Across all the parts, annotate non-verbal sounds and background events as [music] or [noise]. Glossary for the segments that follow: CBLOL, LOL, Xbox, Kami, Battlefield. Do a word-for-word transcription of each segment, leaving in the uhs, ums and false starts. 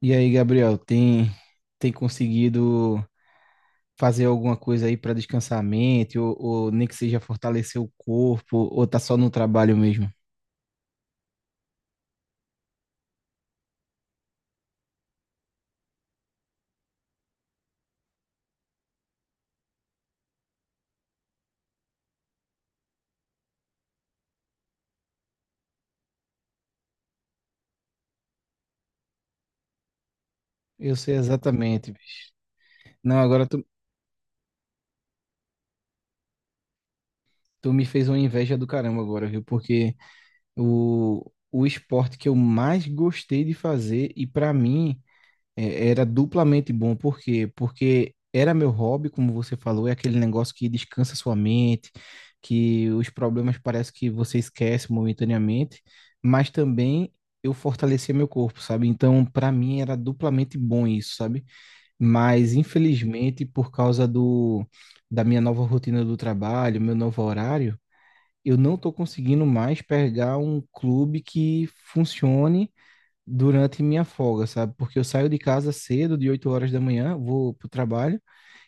E aí, Gabriel, tem tem conseguido fazer alguma coisa aí para descansar a mente, ou, ou nem que seja fortalecer o corpo, ou tá só no trabalho mesmo? Eu sei exatamente, bicho. Não, agora tu, Tu me fez uma inveja do caramba agora, viu? Porque o, o esporte que eu mais gostei de fazer, e para mim É, era duplamente bom, por quê? Porque era meu hobby, como você falou, é aquele negócio que descansa sua mente, que os problemas parece que você esquece momentaneamente, mas também eu fortalecia meu corpo, sabe? Então, para mim era duplamente bom isso, sabe? Mas infelizmente, por causa do da minha nova rotina do trabalho, meu novo horário, eu não tô conseguindo mais pegar um clube que funcione durante minha folga, sabe? Porque eu saio de casa cedo, de oito horas da manhã, vou pro trabalho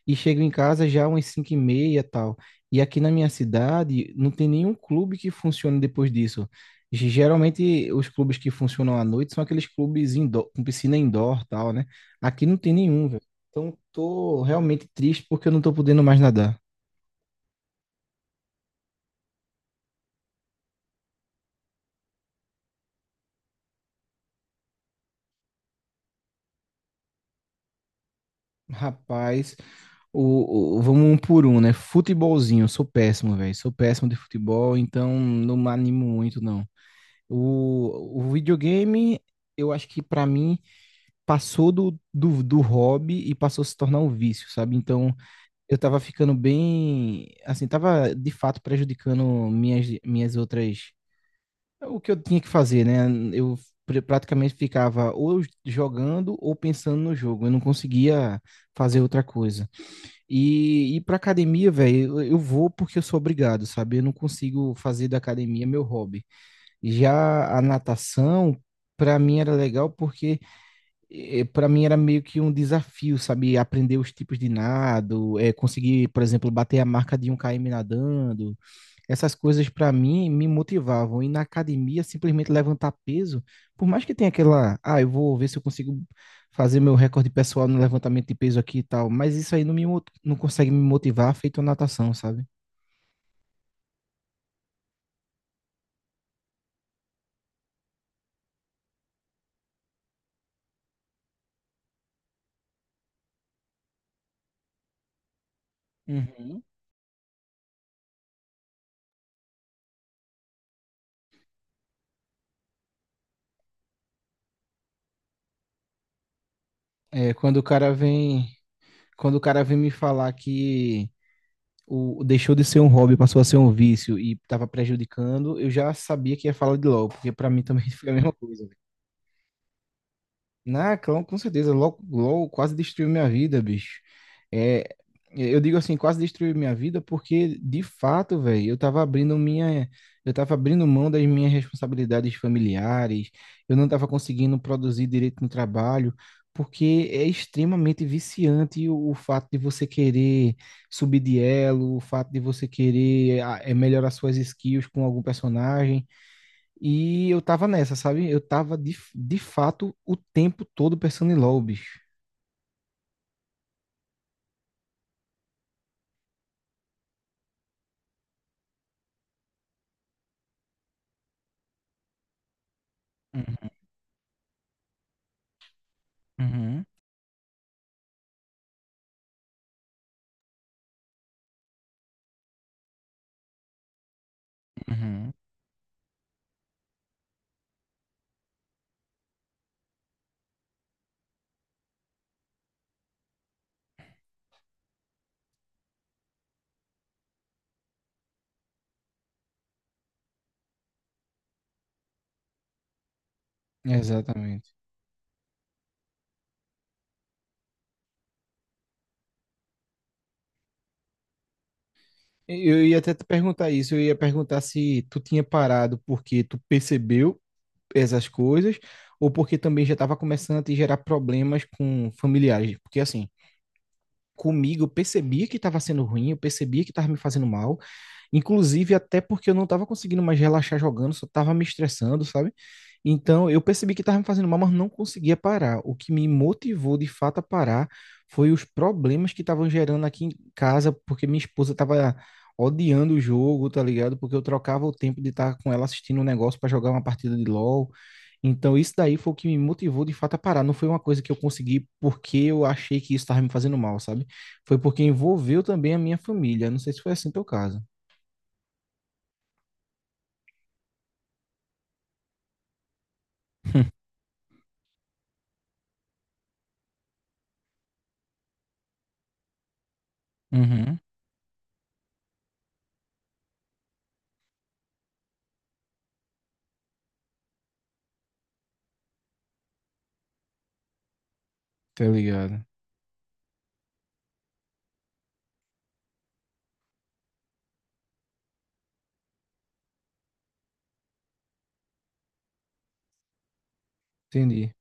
e chego em casa já umas cinco e meia e tal. E aqui na minha cidade não tem nenhum clube que funcione depois disso. Ge- Geralmente os clubes que funcionam à noite são aqueles clubes indoor, com piscina indoor tal, né? Aqui não tem nenhum, velho. Então tô realmente triste porque eu não tô podendo mais nadar. Rapaz, o, o- vamos um por um, né? Futebolzinho, eu sou péssimo, velho. Sou péssimo de futebol, então não me animo muito, não. O, o videogame, eu acho que pra mim passou do, do, do hobby e passou a se tornar um vício, sabe? Então eu tava ficando bem, assim, tava de fato prejudicando minhas, minhas outras, o que eu tinha que fazer, né? Eu pr- praticamente ficava ou jogando ou pensando no jogo, eu não conseguia fazer outra coisa. E, e pra academia, velho, eu, eu vou porque eu sou obrigado, sabe? Eu não consigo fazer da academia meu hobby. Já a natação, para mim era legal porque para mim era meio que um desafio, sabe? Aprender os tipos de nado, eh, conseguir, por exemplo, bater a marca de um quilômetro nadando. Essas coisas para mim me motivavam. E na academia, simplesmente levantar peso, por mais que tenha aquela, ah, eu vou ver se eu consigo fazer meu recorde pessoal no levantamento de peso aqui e tal, mas isso aí não me, mo- não consegue me motivar feito a natação, sabe? Uhum. É, quando o cara vem, Quando o cara vem me falar que o, deixou de ser um hobby, passou a ser um vício e estava prejudicando, eu já sabia que ia falar de LOL, porque para mim também [laughs] foi a mesma coisa. Na, com, com certeza, LOL, LOL quase destruiu minha vida, bicho. É, eu digo assim, quase destruiu minha vida porque, de fato, velho, eu tava abrindo minha, eu tava abrindo mão das minhas responsabilidades familiares, eu não tava conseguindo produzir direito no trabalho, porque é extremamente viciante o, o fato de você querer subir de elo, o fato de você querer ah, eh, melhorar suas skills com algum personagem. E eu tava nessa, sabe? Eu tava de, de fato o tempo todo pensando em LOL, bicho. Uhum, uhum, uhum. Exatamente. Eu ia até te perguntar isso, eu ia perguntar se tu tinha parado porque tu percebeu essas coisas ou porque também já estava começando a te gerar problemas com familiares. Porque assim, comigo eu percebia que estava sendo ruim, eu percebia que estava me fazendo mal. Inclusive, até porque eu não estava conseguindo mais relaxar jogando, só estava me estressando, sabe? Então, eu percebi que estava me fazendo mal, mas não conseguia parar. O que me motivou de fato a parar foi os problemas que estavam gerando aqui em casa, porque minha esposa estava odiando o jogo, tá ligado? Porque eu trocava o tempo de estar com ela assistindo um negócio para jogar uma partida de LoL. Então, isso daí foi o que me motivou de fato a parar. Não foi uma coisa que eu consegui porque eu achei que isso estava me fazendo mal, sabe? Foi porque envolveu também a minha família. Não sei se foi assim teu caso. [laughs] Uhum, tá ligado? Entendi.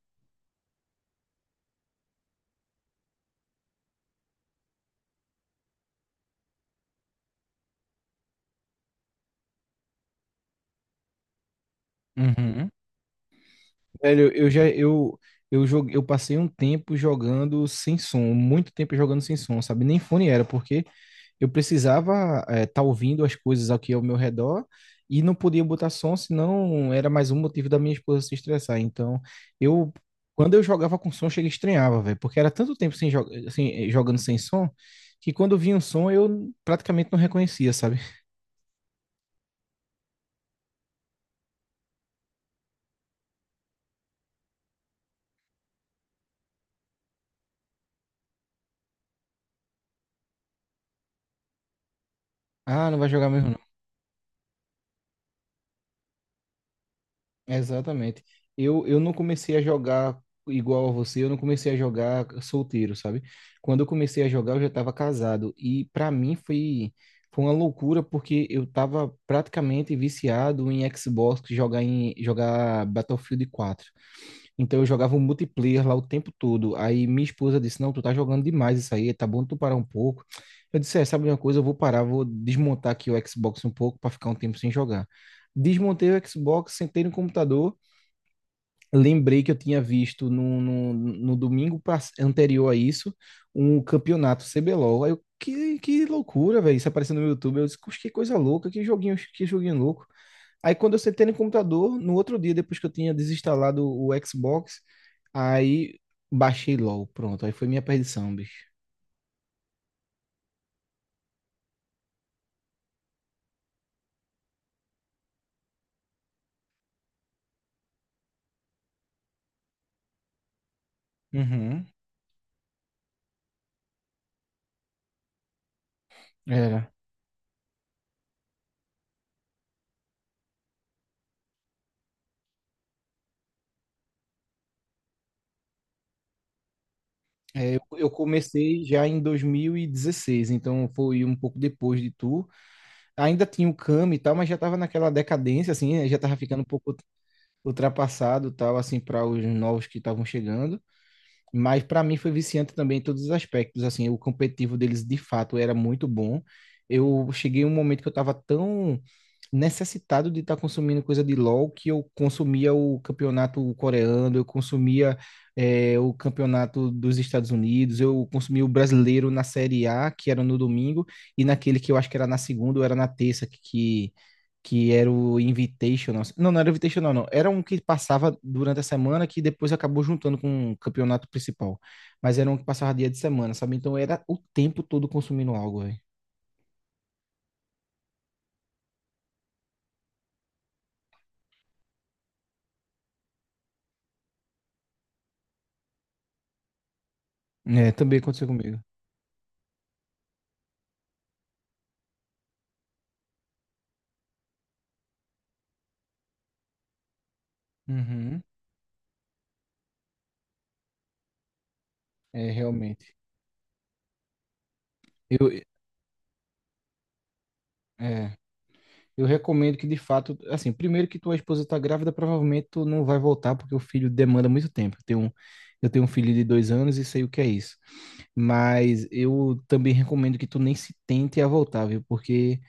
Uhum. Velho, eu já eu eu joguei, eu passei um tempo jogando sem som, muito tempo jogando sem som, sabe? Nem fone era, porque eu precisava estar ouvindo as coisas aqui ao meu redor e não podia botar som, senão era mais um motivo da minha esposa se estressar. Então, eu quando eu jogava com som, chega e estranhava, velho, porque era tanto tempo sem, jo sem eh, jogando sem som que quando vinha um som eu praticamente não reconhecia, sabe? Ah, não vai jogar mesmo. Exatamente. Eu, eu não comecei a jogar igual a você, eu não comecei a jogar solteiro, sabe? Quando eu comecei a jogar, eu já estava casado. E para mim foi, foi uma loucura, porque eu estava praticamente viciado em Xbox, jogar em jogar Battlefield quatro. Então eu jogava o multiplayer lá o tempo todo. Aí minha esposa disse: Não, tu tá jogando demais isso aí, tá bom tu parar um pouco. Eu disse: É, sabe de uma coisa, eu vou parar, vou desmontar aqui o Xbox um pouco para ficar um tempo sem jogar. Desmontei o Xbox, sentei no computador, lembrei que eu tinha visto no, no, no domingo pass- anterior a isso um campeonato C B LOL. Aí eu, que, que loucura, velho. Isso apareceu no YouTube. Eu disse: "Puxa, que coisa louca, que joguinho, que joguinho louco." Aí quando eu sentei no computador, no outro dia, depois que eu tinha desinstalado o Xbox, aí baixei LOL. Pronto, aí foi minha perdição, bicho. Uhum. Era. É, eu, eu comecei já em dois mil e dezesseis, então foi um pouco depois de tu. Ainda tinha o Kami e tal, mas já tava naquela decadência, assim, né? Já tava ficando um pouco ultrapassado tal, assim, para os novos que estavam chegando. Mas para mim foi viciante também em todos os aspectos. Assim, o competitivo deles de fato era muito bom. Eu cheguei a um momento que eu estava tão necessitado de estar tá consumindo coisa de LoL que eu consumia o campeonato coreano, eu consumia é, o campeonato dos Estados Unidos, eu consumia o brasileiro na Série A, que era no domingo, e naquele que eu acho que era na segunda ou era na terça, que, que que era o Invitational. Não, não era o Invitational, não. Era um que passava durante a semana que depois acabou juntando com o campeonato principal. Mas era um que passava dia de semana, sabe? Então era o tempo todo consumindo algo, velho. É, também aconteceu comigo. Uhum. É, realmente. Eu, é, eu recomendo que, de fato, assim, primeiro que tua esposa tá grávida, provavelmente tu não vai voltar, porque o filho demanda muito tempo. Eu tenho um, eu tenho um filho de dois anos e sei o que é isso. Mas eu também recomendo que tu nem se tente a voltar, viu? Porque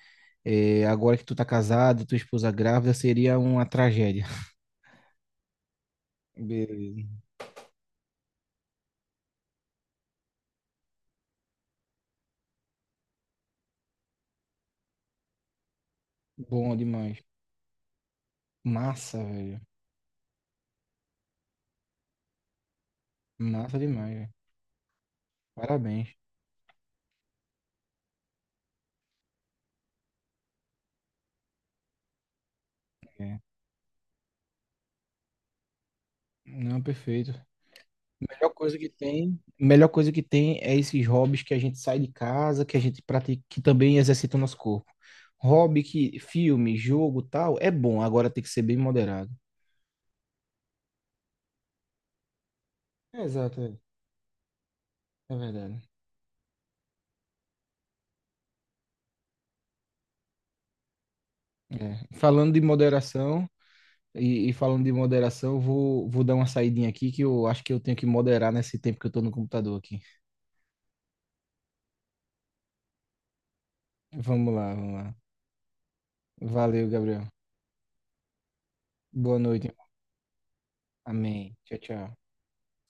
é, agora que tu tá casado, tua esposa grávida, seria uma tragédia. Beleza. Bom demais. Massa, velho. Massa demais, velho. Parabéns. É. Não, perfeito. Melhor coisa que tem, melhor coisa que tem é esses hobbies que a gente sai de casa, que a gente pratica, que também exercita o nosso corpo. Hobby que filme, jogo, tal, é bom, agora tem que ser bem moderado. É, Exato, é, é verdade. É. Falando de moderação, E, e falando de moderação, eu vou, vou dar uma saidinha aqui que eu acho que eu tenho que moderar nesse tempo que eu tô no computador aqui. Vamos lá, vamos lá. Valeu, Gabriel. Boa noite. Amém. Tchau, tchau.